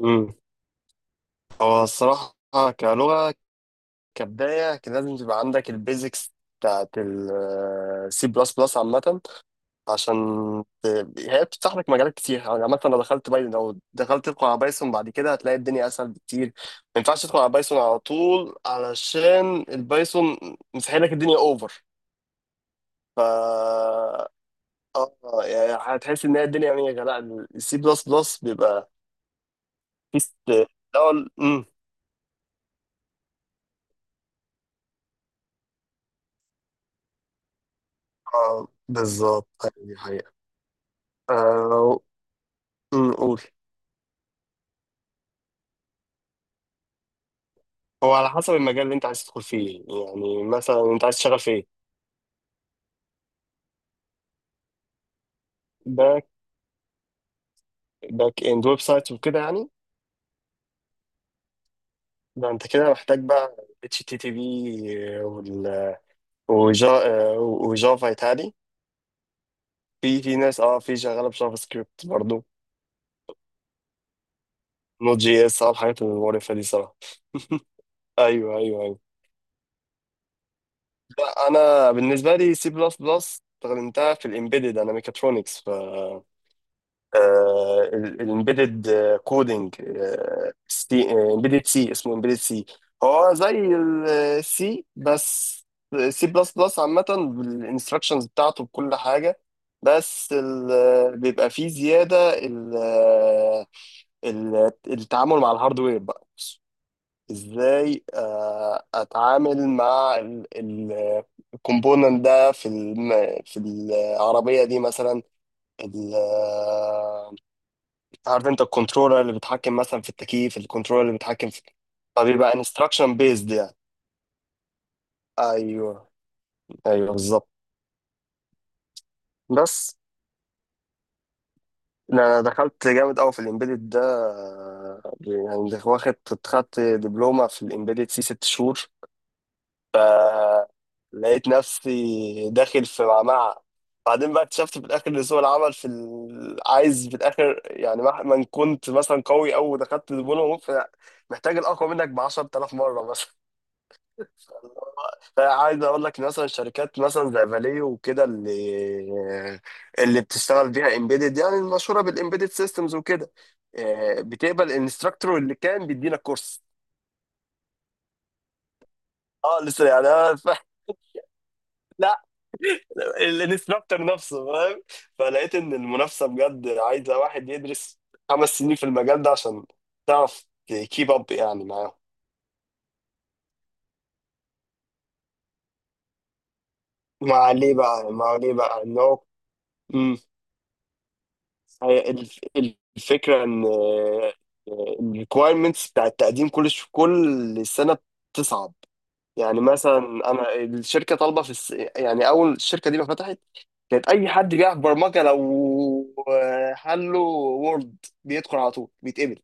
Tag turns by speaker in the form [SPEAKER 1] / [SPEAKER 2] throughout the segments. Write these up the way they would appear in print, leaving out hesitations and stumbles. [SPEAKER 1] امم هو الصراحة، كلغة، كبداية كان لازم تبقى عندك البيزكس بتاعت السي بلس بلس عامة، عشان هي بتفتح لك مجالات كتير يعني. عامة لو دخلت تدخل على بايثون بعد كده هتلاقي الدنيا أسهل بكتير. ما ينفعش تدخل على بايثون على طول، علشان البايثون مسحيل لك الدنيا اوفر. ف اه يعني هتحس ان هي الدنيا، يعني لا، السي بلس بلس بيبقى في است- الأول. اه، بالظبط. هي آه، قول. هو على حسب المجال اللي انت عايز تدخل فيه، يعني مثلا انت عايز تشتغل في ايه؟ باك باك اند ويب سايت وكده يعني. ده انت كده محتاج بقى اتش تي تي بي وال وجافا يتهيألي. في ناس، في شغاله بجافا سكريبت برضه. نوت جي اس، الحاجات المقرفه دي صراحه. ايوه، ايوه، ايوه. لا، انا بالنسبه لي سي بلس بلس استخدمتها في الامبيدد، انا ميكاترونكس. الامبيدد كودنج، سي امبيدد، سي اسمه امبيدد سي. هو زي السي، بس سي بلس بلس عامة بالانستراكشنز بتاعته بكل حاجة. بس بيبقى فيه زيادة التعامل مع الهاردوير بقى. ازاي اتعامل مع الكومبوننت ده في في العربية دي. مثلا عارف انت الكنترولر اللي بيتحكم مثلا في التكييف، الكنترولر اللي بيتحكم في، فبيبقى انستراكشن بيزد يعني. ايوه، ايوه، بالظبط. بس لا، انا دخلت جامد قوي في الامبيدد ده، يعني ده واخد، خدت دبلومه في الامبيدد سي 6 شهور. لقيت نفسي داخل في معمعة، بعدين بقى اكتشفت في الاخر ان سوق العمل عايز في الاخر، يعني مهما إن كنت مثلا قوي او دخلت دبلومه، ممكن محتاج الاقوى منك ب 10,000 مره مثلا. عايز اقول لك إن مثلا شركات مثلا زي فاليو وكده، اللي اللي بتشتغل بيها امبيدد، يعني المشهوره بالامبيدد سيستمز وكده، بتقبل الانستراكتور اللي كان بيدينا كورس. اه، لسه يعني أنا. لا، الانستراكتور نفسه فاهم. فلقيت ان المنافسه بجد عايزه واحد يدرس 5 سنين في المجال ده عشان تعرف تكيب اب يعني معاهم. مع ليه بقى ان هو، هي الف- الفكرة إن الريكوايرمنتس بتاع التقديم كل سنة بتصعب. يعني مثلا أنا الشركة طالبة يعني، أول الشركة دي ما فتحت كانت أي حد بيعرف برمجة، لو حله وورد بيدخل على طول بيتقبل.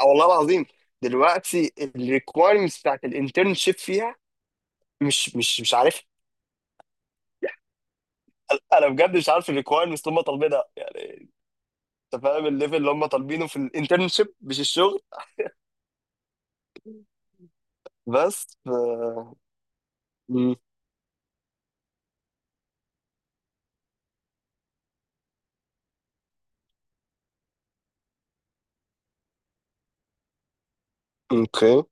[SPEAKER 1] أه والله العظيم. دلوقتي الريكوايرمنتس بتاعت الانترنشيب فيها، مش عارفها. انا بجد مش عارف الريكوايرمنتس اللي هم طالبينها يعني. انت فاهم الليفل اللي هم طالبينه في الانترنشيب، مش الشغل. بس مم، اوكي،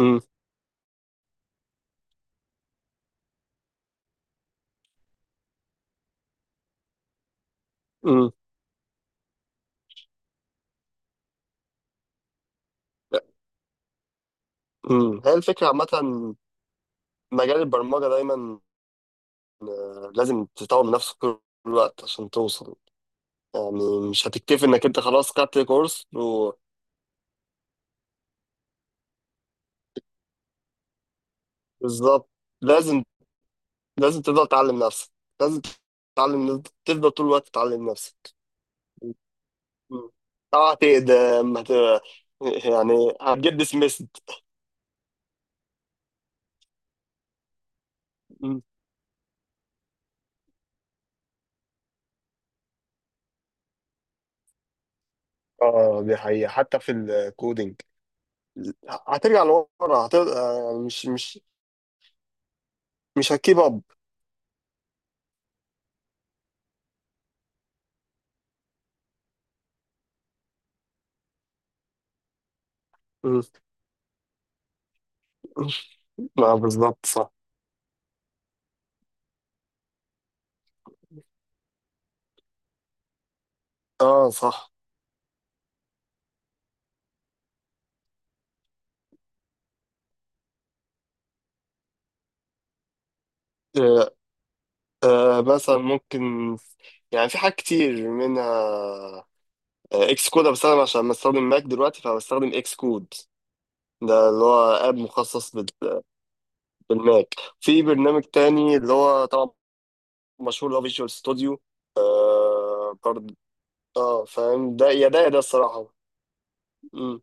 [SPEAKER 1] مم، مم. مم. هي الفكرة عامة، مجال البرمجة دايما لازم تطور من نفسك طول الوقت عشان توصل. يعني مش هتكتفي انك انت خلاص خدت كورس و... بالظبط. لازم لازم تفضل تعلم نفسك، لازم تتعلم، تفضل طول الوقت تتعلم نفسك. مم. طبعا هتقدم، يعني هتجيب ديسميسد. اه، دي حقيقة حتى في الكودينج. هترجع لورا، هت... آه، مش هتكيب اب. م. ما بالظبط صح. اه صح. آه مثلا ممكن، يعني في حاجات كتير منها. اكس كود، بس انا بستخدم عشان بستخدم ماك دلوقتي فبستخدم اكس كود. ده اللي هو اب مخصص بالماك. في برنامج تاني اللي هو طبعا مشهور، اللي هو فيجوال ستوديو. برضه. اه، فاهم ده، يا ده يا ده الصراحة. م.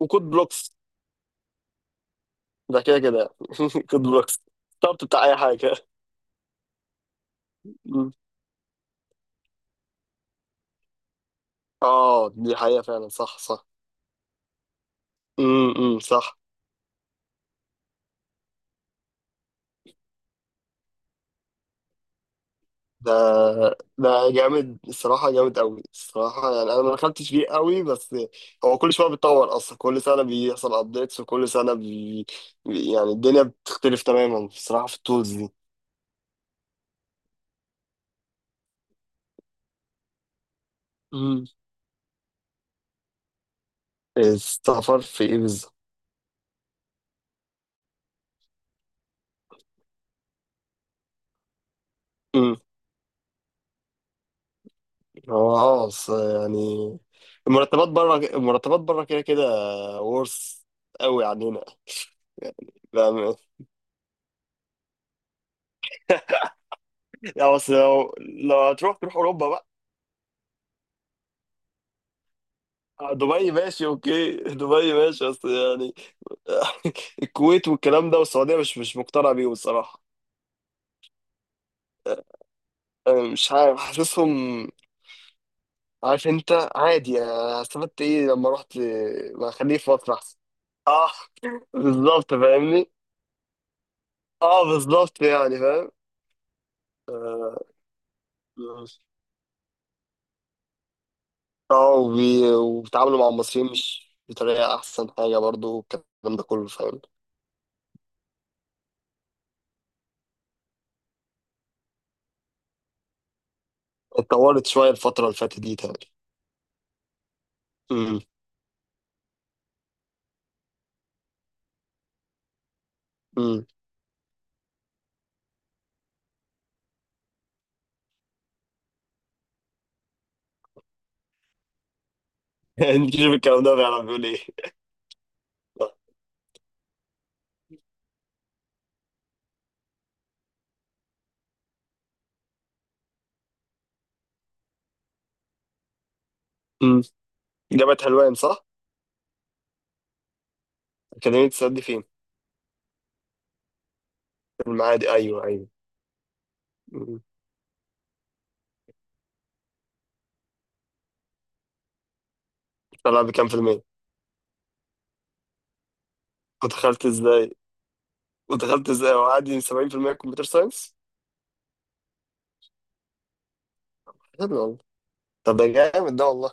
[SPEAKER 1] وكود بلوكس. ده كده كده كود بلوكس. طب بتاع اي حاجه. مم. اه، دي حقيقه فعلا، صح صح. صح. ده ده جامد الصراحه، جامد قوي الصراحه. يعني انا ما دخلتش فيه قوي، بس هو كل شويه بيتطور اصلا، كل سنه بيحصل ابديتس، وكل سنه يعني الدنيا بتختلف تماما الصراحه في التولز دي. امم السفر في ايه بالظبط؟ امم هو اه، بس يعني المرتبات بره، المرتبات بره كده كده، ورث قوي عننا. لا ماشي. يا، بس لو لو هتروح تروح اوروبا بقى. آه، دبي ماشي اوكي. دبي ماشي، بس يعني الكويت والكلام ده والسعوديه، مش مقتنع بيهم الصراحه. أنا مش عارف، حاسسهم. عارف انت، عادي يعني، أنا استفدت ايه لما رحت؟ ما خليه في مصر احسن. اه، بالظبط فاهمني. اه، بالظبط يعني فاهم. اه وبيتعاملوا مع المصريين مش بطريقه احسن حاجه برضو، والكلام ده كله فاهم. اتطورت شوية الفترة اللي فاتت دي تاني. امم امم نجيب الكلام ده بيعرف يقول ايه. امم جامعة حلوان صح؟ أكاديمية السد دي فين؟ في المعادي، أيوه أيوه. أمم. طلع بكام في المية؟ ودخلت ازاي؟ ودخلت ازاي؟ وعادي 70%؟ كمبيوتر ساينس؟ حلو والله. طب ده جامد ده والله.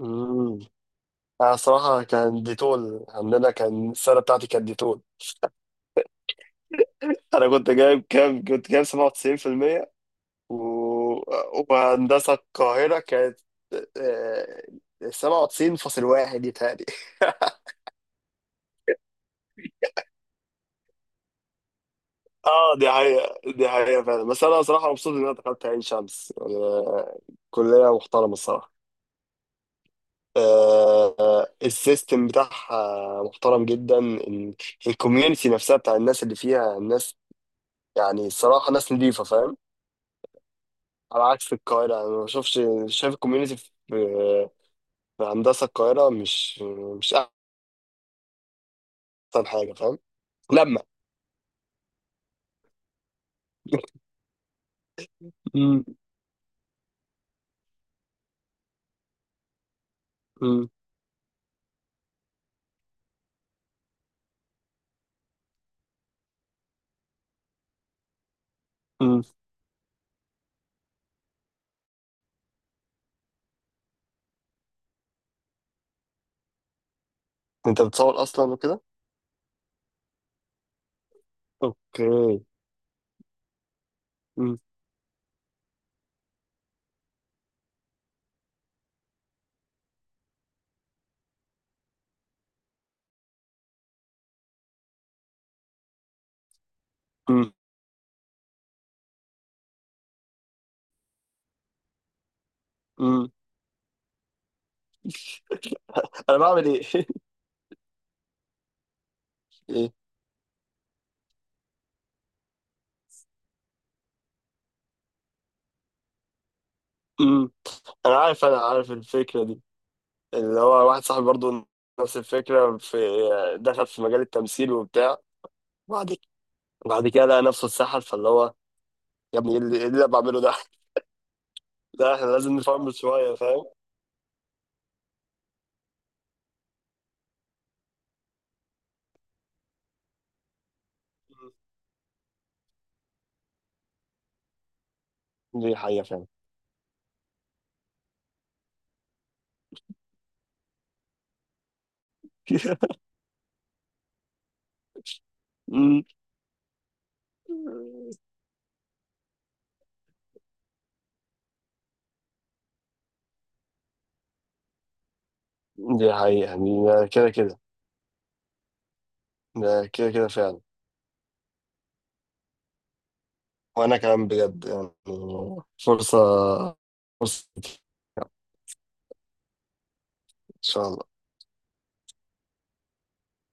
[SPEAKER 1] امم أنا صراحة كان ديتول عندنا، كان السنة بتاعتي كانت ديتول. أنا كنت جايب كام؟ كنت جايب 97%. و- وهندسة القاهرة كانت 97.1 يتهيألي. اه، دي حقيقة، دي حقيقة فعلا. بس أنا صراحة مبسوط إن أنا دخلت عين شمس يعني، كلية محترمة الصراحة. السيستم بتاعها محترم جدا. الكوميونتي نفسها بتاع الناس اللي فيها الناس، يعني الصراحة ناس نضيفة فاهم. على عكس القاهرة، أنا ما بشوفش شايف الكوميونتي في هندسة القاهرة مش أحسن حاجة فاهم. لما، مم. مم. مم. انت بتصور اصلا وكده، اوكي. مم. مم. مم. انا بعمل ايه؟ ايه. مم. انا عارف الفكره دي، اللي هو واحد صاحبي برضو، نفس الفكره في، دخل في مجال التمثيل وبتاع، بعد بعد كده لقى نفسه اتسحل. فاللي هو يا ابني، ايه اللي إيه اللي انا بعمله ده. لا احنا لازم نفهم شويه فاهم. دي حقيقه فاهم. مم. دي حقيقه يعني، ده كده كده فعلا. وانا كمان بجد يعني، فرصة فرصة ان شاء الله.